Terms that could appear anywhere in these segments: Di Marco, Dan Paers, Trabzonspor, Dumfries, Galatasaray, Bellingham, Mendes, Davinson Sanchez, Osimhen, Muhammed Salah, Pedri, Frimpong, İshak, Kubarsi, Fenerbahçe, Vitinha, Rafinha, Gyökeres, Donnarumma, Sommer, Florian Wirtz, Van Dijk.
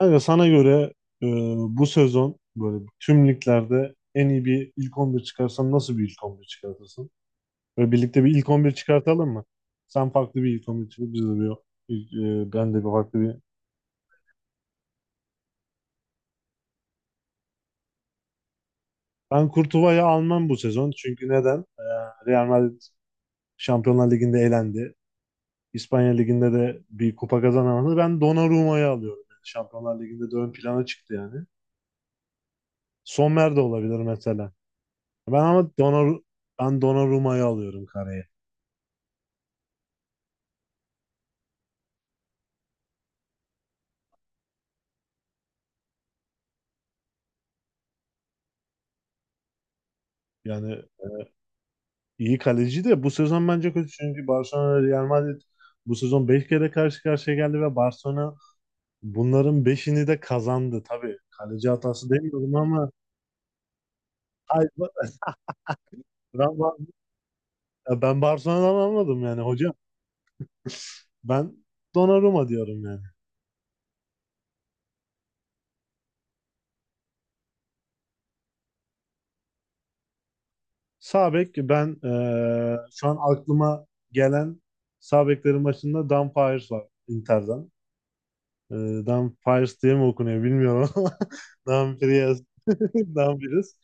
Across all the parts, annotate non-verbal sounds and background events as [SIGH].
Kanka sana göre e, bu sezon böyle tüm liglerde en iyi bir ilk 11 çıkarsan nasıl bir ilk 11 çıkartırsın? Böyle birlikte bir ilk 11 çıkartalım mı? Sen farklı bir ilk 11 çıkart, biz de bir, ben de bir farklı bir. Ben Kurtuva'yı almam bu sezon. Çünkü neden? Real Madrid Şampiyonlar Ligi'nde elendi. İspanya Ligi'nde de bir kupa kazanamadı. Ben Donnarumma'yı alıyorum. Yani Şampiyonlar Ligi'nde de ön plana çıktı yani. Sommer de olabilir mesela. Ben ama Donnarumma'yı alıyorum kareye. Yani iyi kaleci de bu sezon bence kötü. Çünkü Barcelona Real Madrid bu sezon 5 kere karşı karşıya geldi ve Barcelona bunların beşini de kazandı. Tabii kaleci hatası demiyorum ama hayır, ben, [LAUGHS] ben Bar- ben Barcelona'dan anladım yani hocam. Ben Donnarumma diyorum yani. Sağ bek ben şu an aklıma gelen sağ beklerin başında Dan Paers var Inter'den. Ee, Dumfries diye mi okunuyor bilmiyorum ama [LAUGHS] Dumfries. [LAUGHS] Dumfries.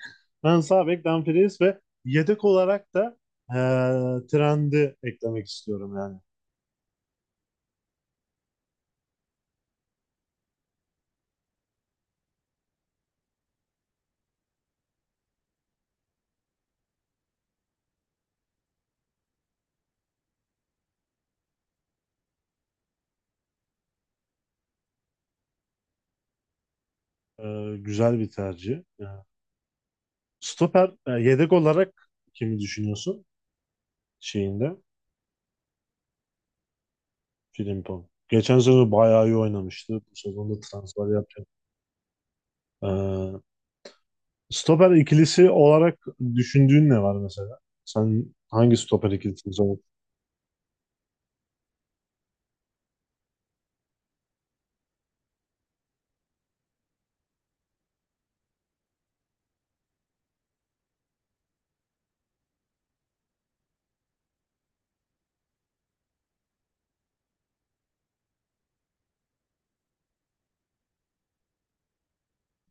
Ben sağ bek Dumfries ve yedek olarak da Trent'i eklemek istiyorum yani. Güzel bir tercih. Stoper yedek olarak kimi düşünüyorsun şeyinde? Frimpong. Geçen sezon bayağı iyi oynamıştı. Bu sezonda transfer yapacak. Ee, Stoper ikilisi olarak düşündüğün ne var mesela? Sen hangi stoper ikilisini savun?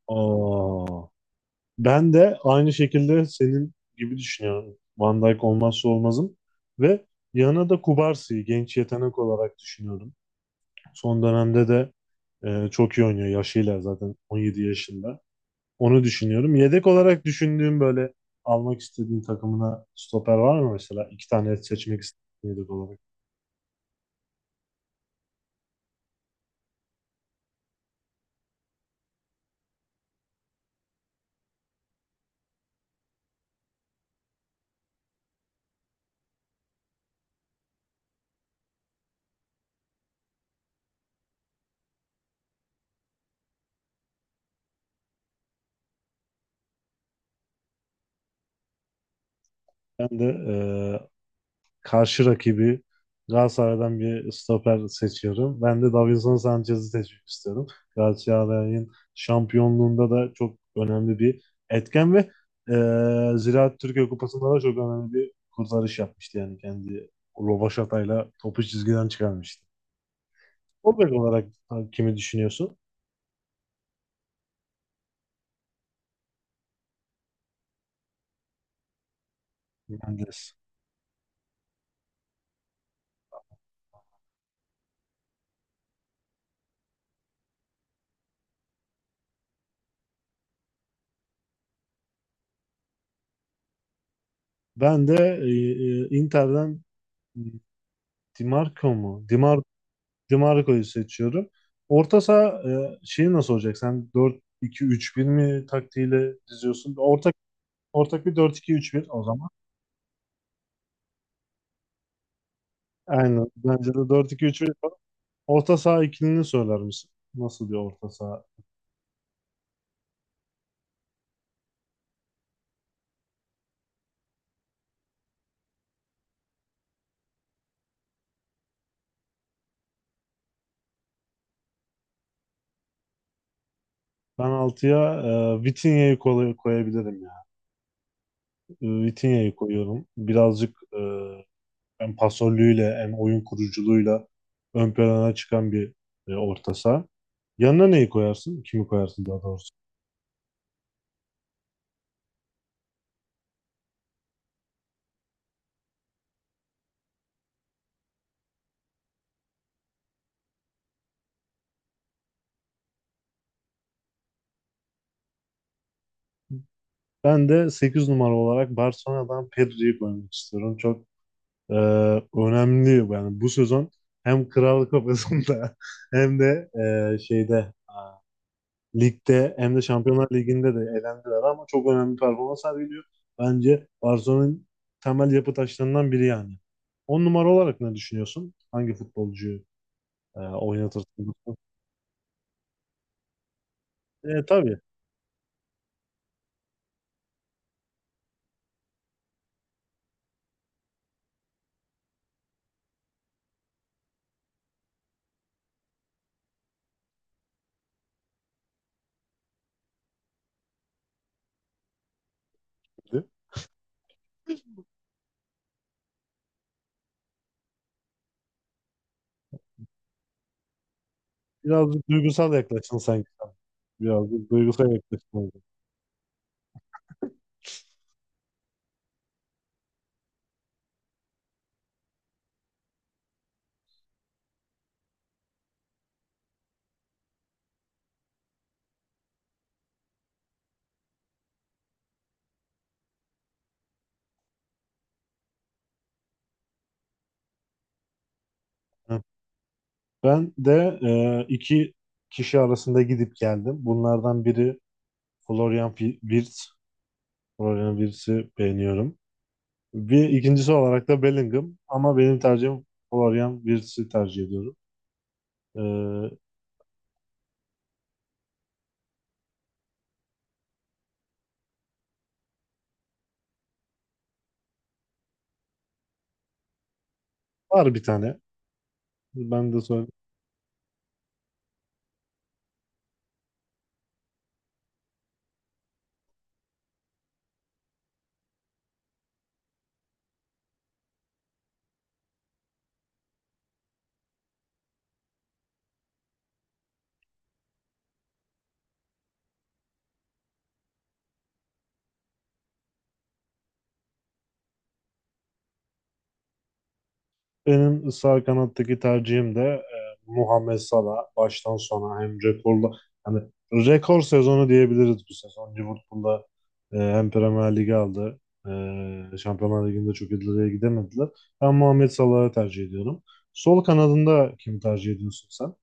Aa. Ben de aynı şekilde senin gibi düşünüyorum. Van Dijk olmazsa olmazım. Ve yanına da Kubarsi'yi genç yetenek olarak düşünüyorum. Son dönemde de çok iyi oynuyor yaşıyla zaten 17 yaşında. Onu düşünüyorum. Yedek olarak düşündüğüm böyle almak istediğin takımına stoper var mı mesela? İki tane seçmek istediğin yedek olarak. Ben de e, karşı rakibi Galatasaray'dan bir stoper seçiyorum. Ben de Davinson Sanchez'i seçmek istiyorum. Galatasaray'ın şampiyonluğunda da çok önemli bir etken ve e, Ziraat Türkiye Kupası'nda da çok önemli bir kurtarış yapmıştı yani kendi rovaşatayla topu çizgiden çıkarmıştı. O bek olarak kimi düşünüyorsun? Mendes. Ben de e, Inter'den Di Marco mu? Dimarco'yu seçiyorum. Orta saha şeyi nasıl olacak? Sen 4-2-3-1 mi taktiğiyle diziyorsun? Ortak bir 4-2-3-1 o zaman. Aynen. Bence de 4-2-3-1 yapalım. Orta saha ikilini söyler misin? Nasıl bir orta saha? Ben altıya Vitinha'yı koyabilirim ya. Vitinha'yı koyuyorum. Birazcık hem pasörlüğüyle hem oyun kuruculuğuyla ön plana çıkan bir orta saha. Yanına neyi koyarsın? Kimi koyarsın daha doğrusu? Ben de 8 numara olarak Barcelona'dan Pedri'yi koymak istiyorum. Çok e, önemli yani bu sezon hem Kral Kupası'nda [LAUGHS] hem de şeyde ligde hem de Şampiyonlar Ligi'nde de elendiler ama çok önemli performans sergiliyor. Bence Barcelona'nın temel yapı taşlarından biri yani. On numara olarak ne düşünüyorsun? Hangi futbolcuyu oynatırsın? Tabii. Birazcık duygusal yaklaştın sanki. Birazcık duygusal yaklaştın. Ben de iki kişi arasında gidip geldim. Bunlardan biri Florian Wirtz. Florian Wirtz'i beğeniyorum. Bir ikincisi olarak da Bellingham ama benim tercihim Florian Wirtz'i tercih ediyorum. E, Var bir tane. Ben de Benim sağ kanattaki tercihim de Muhammed Salah baştan sona hem rekorla hani rekor sezonu diyebiliriz bu sezon. Liverpool'da hem Premier Lig'i aldı. Şampiyonlar Ligi'nde çok ileriye gidemediler. Ben Muhammed Salah'ı tercih ediyorum. Sol kanadında kim tercih ediyorsun sen?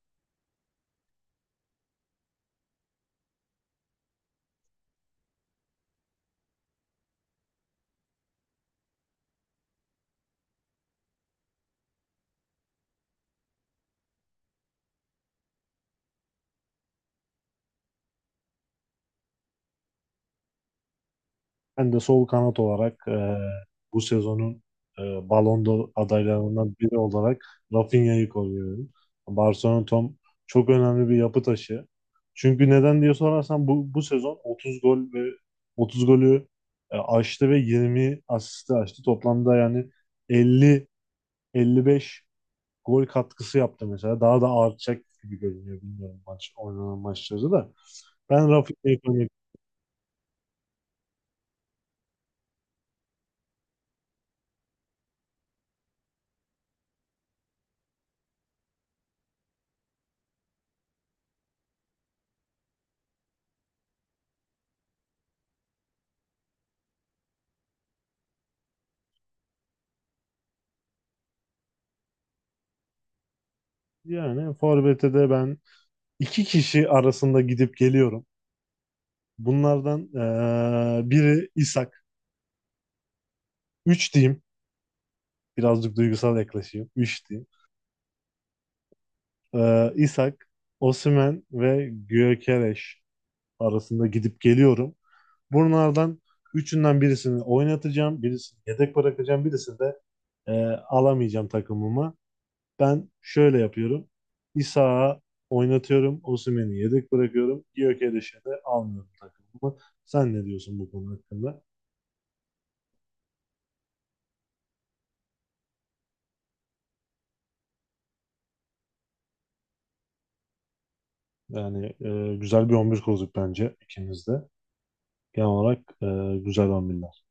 Ben de sol kanat olarak bu sezonun Ballon d'Or adaylarından biri olarak Rafinha'yı koruyorum. Barcelona Tom çok önemli bir yapı taşı. Çünkü neden diye sorarsan bu sezon 30 gol ve 30 golü aştı ve 20 asisti aştı. Toplamda yani 50 55 gol katkısı yaptı mesela. Daha da artacak gibi görünüyor bilmiyorum maç oynanan maçları da. Ben Rafinha'yı koruyorum. Yani forvet'e de ben İki kişi arasında gidip geliyorum. Bunlardan biri İshak. Üç diyeyim. Birazcık duygusal yaklaşayım. Üç diyeyim. İshak, Osimhen ve Gyökeres arasında gidip geliyorum. Bunlardan üçünden birisini oynatacağım. Birisini yedek bırakacağım. Birisini de alamayacağım takımıma. Ben şöyle yapıyorum. İshak'ı oynatıyorum. Osimhen'i yedek bırakıyorum. Gyökeres'i de almıyorum takımıma. Sen ne diyorsun bu konu hakkında? Yani güzel bir 11 kurduk bence ikimiz de. Genel olarak güzel bir 11'ler.